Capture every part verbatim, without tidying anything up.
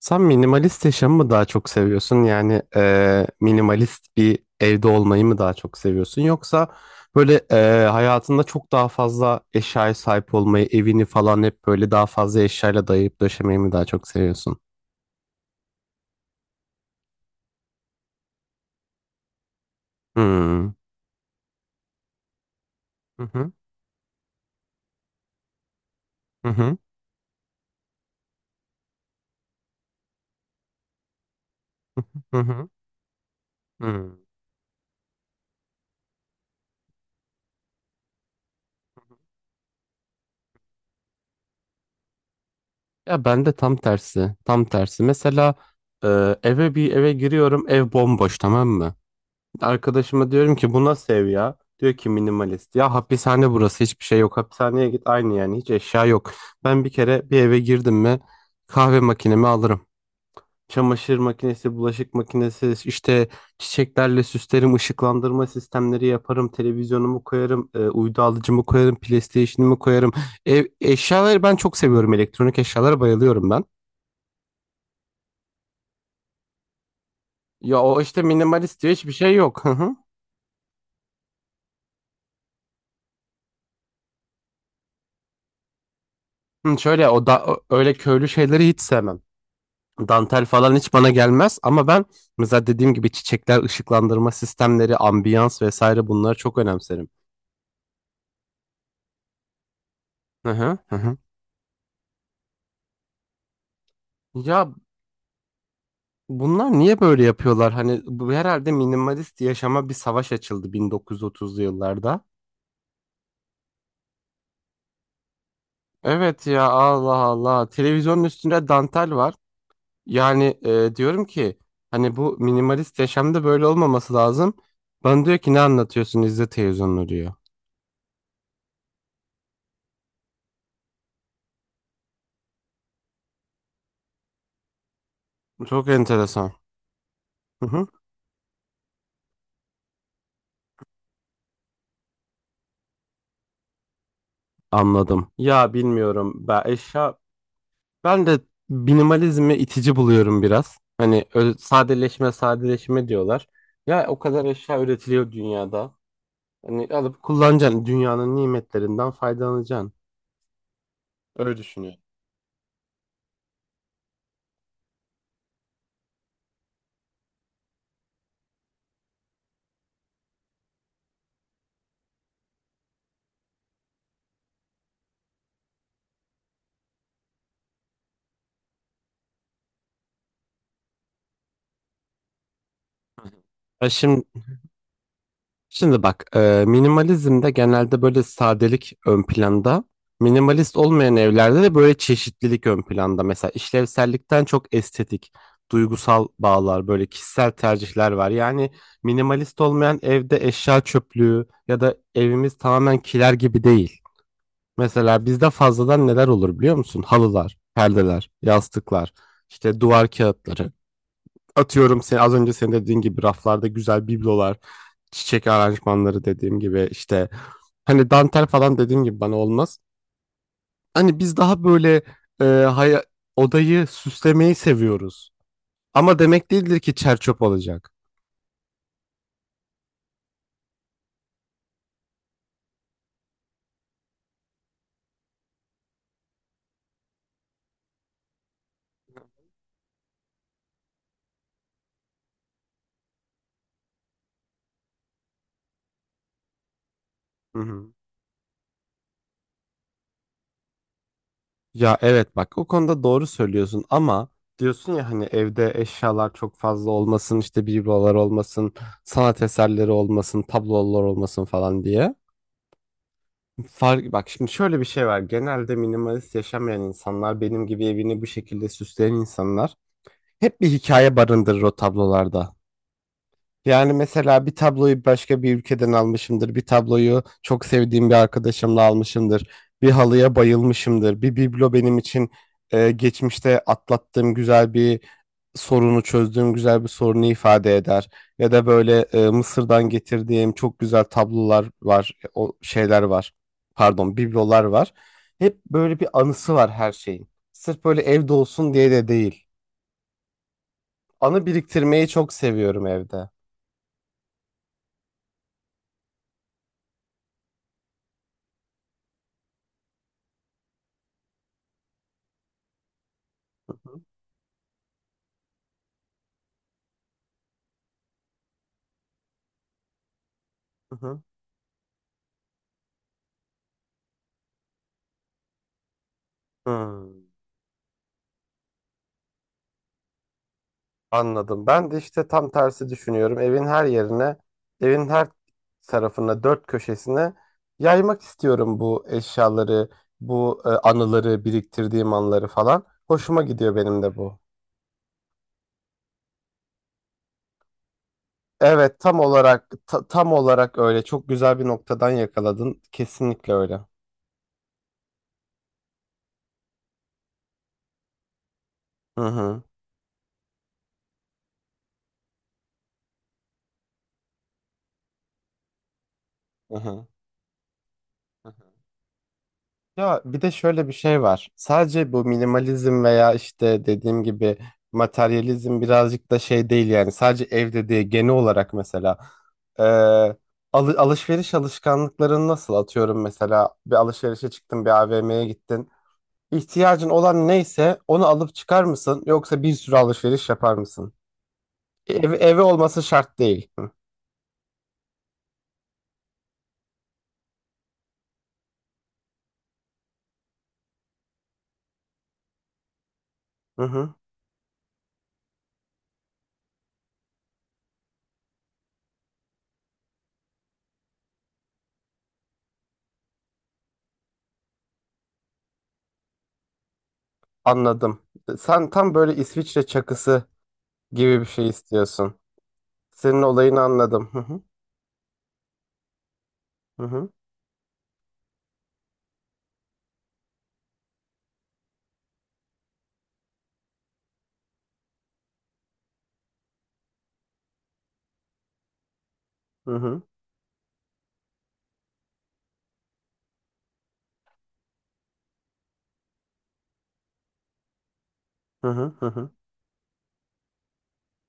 Sen minimalist yaşamı mı daha çok seviyorsun? Yani eee, minimalist bir evde olmayı mı daha çok seviyorsun? Yoksa böyle eee, hayatında çok daha fazla eşyaya sahip olmayı, evini falan hep böyle daha fazla eşyayla dayayıp döşemeyi mi daha çok seviyorsun? Hmm. Hı hı. Hı hı. Hı hı. Hmm. Ya ben de tam tersi. Tam tersi. Mesela eee, eve bir eve giriyorum, ev bomboş, tamam mı? Arkadaşıma diyorum ki bu nasıl ev ya? Diyor ki minimalist. Ya hapishane burası, hiçbir şey yok. Hapishaneye git aynı, yani hiç eşya yok. Ben bir kere bir eve girdim mi kahve makinemi alırım. Çamaşır makinesi, bulaşık makinesi, işte çiçeklerle süslerim, ışıklandırma sistemleri yaparım, televizyonumu koyarım, e, uydu alıcımı koyarım, PlayStation'ımı koyarım. Ev, eşyaları ben çok seviyorum, elektronik eşyalara bayılıyorum ben. Ya o işte minimalist diyor, hiçbir şey yok. Hı hı. Hı, şöyle o da o- öyle köylü şeyleri hiç sevmem. Dantel falan hiç bana gelmez ama ben mesela dediğim gibi çiçekler, ışıklandırma sistemleri, ambiyans vesaire, bunları çok önemserim. Hı hı, hı hı. Ya bunlar niye böyle yapıyorlar? Hani bu herhalde minimalist yaşama bir savaş açıldı bin dokuz yüz otuzlu yıllarda. Evet ya, Allah Allah. Televizyonun üstünde dantel var. Yani e, diyorum ki hani bu minimalist yaşamda böyle olmaması lazım. Bana diyor ki ne anlatıyorsun, izle televizyonunu diyor. Çok enteresan. Hı hı. Anladım. Ya bilmiyorum. Ben eşya ben de minimalizmi itici buluyorum biraz. Hani ö- sadeleşme sadeleşme diyorlar. Ya o kadar eşya üretiliyor dünyada. Hani alıp kullanacaksın. Dünyanın nimetlerinden faydalanacaksın. Öyle düşünüyorum. Ya şimdi Şimdi bak, e, minimalizmde genelde böyle sadelik ön planda. Minimalist olmayan evlerde de böyle çeşitlilik ön planda. Mesela işlevsellikten çok estetik, duygusal bağlar, böyle kişisel tercihler var. Yani minimalist olmayan evde eşya çöplüğü ya da evimiz tamamen kiler gibi değil. Mesela bizde fazladan neler olur biliyor musun? Halılar, perdeler, yastıklar, işte duvar kağıtları. Atıyorum, sen az önce senin dediğin gibi raflarda güzel biblolar, çiçek aranjmanları, dediğim gibi işte hani dantel falan dediğim gibi bana olmaz. Hani biz daha böyle e, haya- odayı süslemeyi seviyoruz. Ama demek değildir ki çerçöp olacak. Hı hı. Ya evet bak, o konuda doğru söylüyorsun ama diyorsun ya hani evde eşyalar çok fazla olmasın, işte biblolar olmasın, sanat eserleri olmasın, tablolar olmasın falan diye. Fark, bak şimdi şöyle bir şey var, genelde minimalist yaşamayan insanlar, benim gibi evini bu şekilde süsleyen insanlar hep bir hikaye barındırır o tablolarda. Yani mesela bir tabloyu başka bir ülkeden almışımdır. Bir tabloyu çok sevdiğim bir arkadaşımla almışımdır. Bir halıya bayılmışımdır. Bir biblo benim için e, geçmişte atlattığım güzel bir sorunu çözdüğüm güzel bir sorunu ifade eder. Ya da böyle e, Mısır'dan getirdiğim çok güzel tablolar var. O şeyler var. Pardon, biblolar var. Hep böyle bir anısı var her şeyin. Sırf böyle evde olsun diye de değil. Anı biriktirmeyi çok seviyorum evde. Hı hı. Hı hı. Hmm, anladım. Ben de işte tam tersi düşünüyorum. Evin her yerine, evin her tarafına, dört köşesine yaymak istiyorum bu eşyaları, bu e, anıları, biriktirdiğim anıları falan. Hoşuma gidiyor benim de bu. Evet, tam olarak ta- tam olarak öyle. Çok güzel bir noktadan yakaladın. Kesinlikle öyle. Hı hı. Hı hı. Ya bir de şöyle bir şey var. Sadece bu minimalizm veya işte dediğim gibi materyalizm birazcık da şey değil yani. Sadece evde değil, genel olarak mesela. Ee, alı- Alışveriş alışkanlıkların nasıl, atıyorum mesela bir alışverişe çıktın, bir A V M'ye gittin. İhtiyacın olan neyse onu alıp çıkar mısın, yoksa bir sürü alışveriş yapar mısın? Ev, evi olması şart değil. Hı hı. Hı. Anladım. Sen tam böyle İsviçre çakısı gibi bir şey istiyorsun. Senin olayını anladım. Hı hı. Hı hı. Hı hı. Hı hı. Hı hı.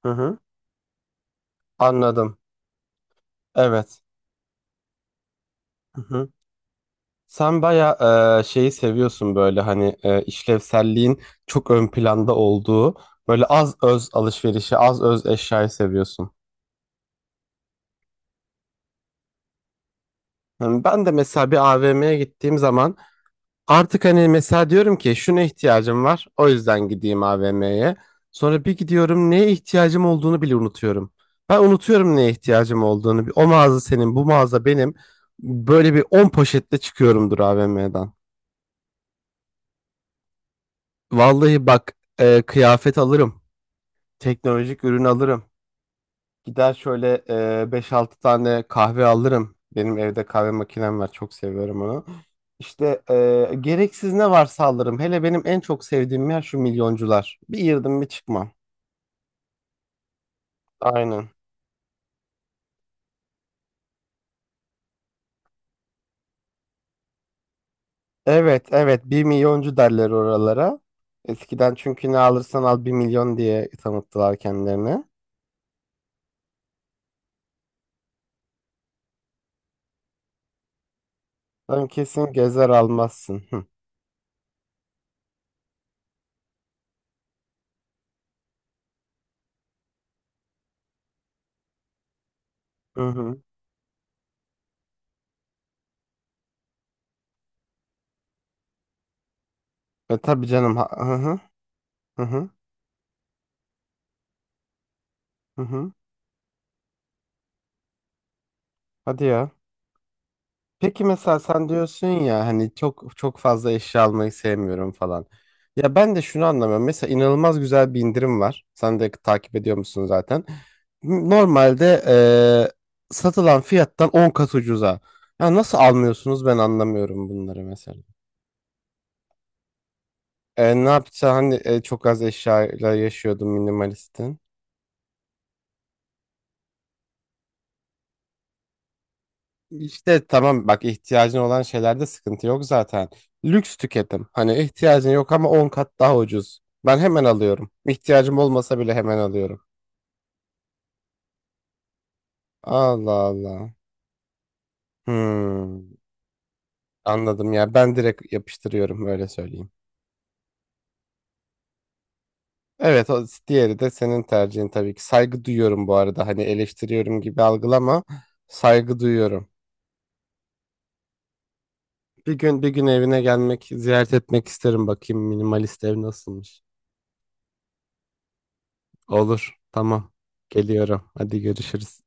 Hı hı. Anladım. Evet. Hı hı. Sen bayağı e, şeyi seviyorsun, böyle hani e, işlevselliğin çok ön planda olduğu, böyle az öz alışverişi, az öz eşyayı seviyorsun. Yani ben de mesela bir A V M'ye gittiğim zaman, artık hani mesela diyorum ki şuna ihtiyacım var. O yüzden gideyim A V M'ye. Sonra bir gidiyorum, neye ihtiyacım olduğunu bile unutuyorum. Ben unutuyorum neye ihtiyacım olduğunu. O mağaza senin, bu mağaza benim. Böyle bir on poşetle çıkıyorumdur A V M'den. Vallahi bak, e, kıyafet alırım. Teknolojik ürün alırım. Gider şöyle, e, beş altı tane kahve alırım. Benim evde kahve makinem var. Çok seviyorum onu. İşte e, gereksiz ne varsa alırım. Hele benim en çok sevdiğim yer şu milyoncular. Bir girdim bir çıkmam. Aynen. Evet evet, bir milyoncu derler oralara. Eskiden çünkü ne alırsan al bir milyon diye tanıttılar kendilerini. Sen kesin gezer almazsın. Hı hı. Hı. E tabii canım. Ha- Hı hı. Hı hı. Hı hı. Hadi ya. Peki mesela sen diyorsun ya hani çok çok fazla eşya almayı sevmiyorum falan. Ya ben de şunu anlamıyorum. Mesela inanılmaz güzel bir indirim var. Sen de takip ediyor musun zaten? Normalde eee, satılan fiyattan on kat ucuza. Ya nasıl almıyorsunuz, ben anlamıyorum bunları mesela. E, ne yapacağım, hani e, çok az eşyayla yaşıyordum minimalistin. İşte tamam bak, ihtiyacın olan şeylerde sıkıntı yok zaten. Lüks tüketim. Hani ihtiyacın yok ama on kat daha ucuz. Ben hemen alıyorum. İhtiyacım olmasa bile hemen alıyorum. Allah Allah. Hmm, anladım ya. Ben direkt yapıştırıyorum, öyle söyleyeyim. Evet, o diğeri de senin tercihin tabii ki. Saygı duyuyorum bu arada. Hani eleştiriyorum gibi algılama. Saygı duyuyorum. Bir gün bir gün evine gelmek, ziyaret etmek isterim, bakayım minimalist ev nasılmış. Olur. Tamam. Geliyorum. Hadi görüşürüz.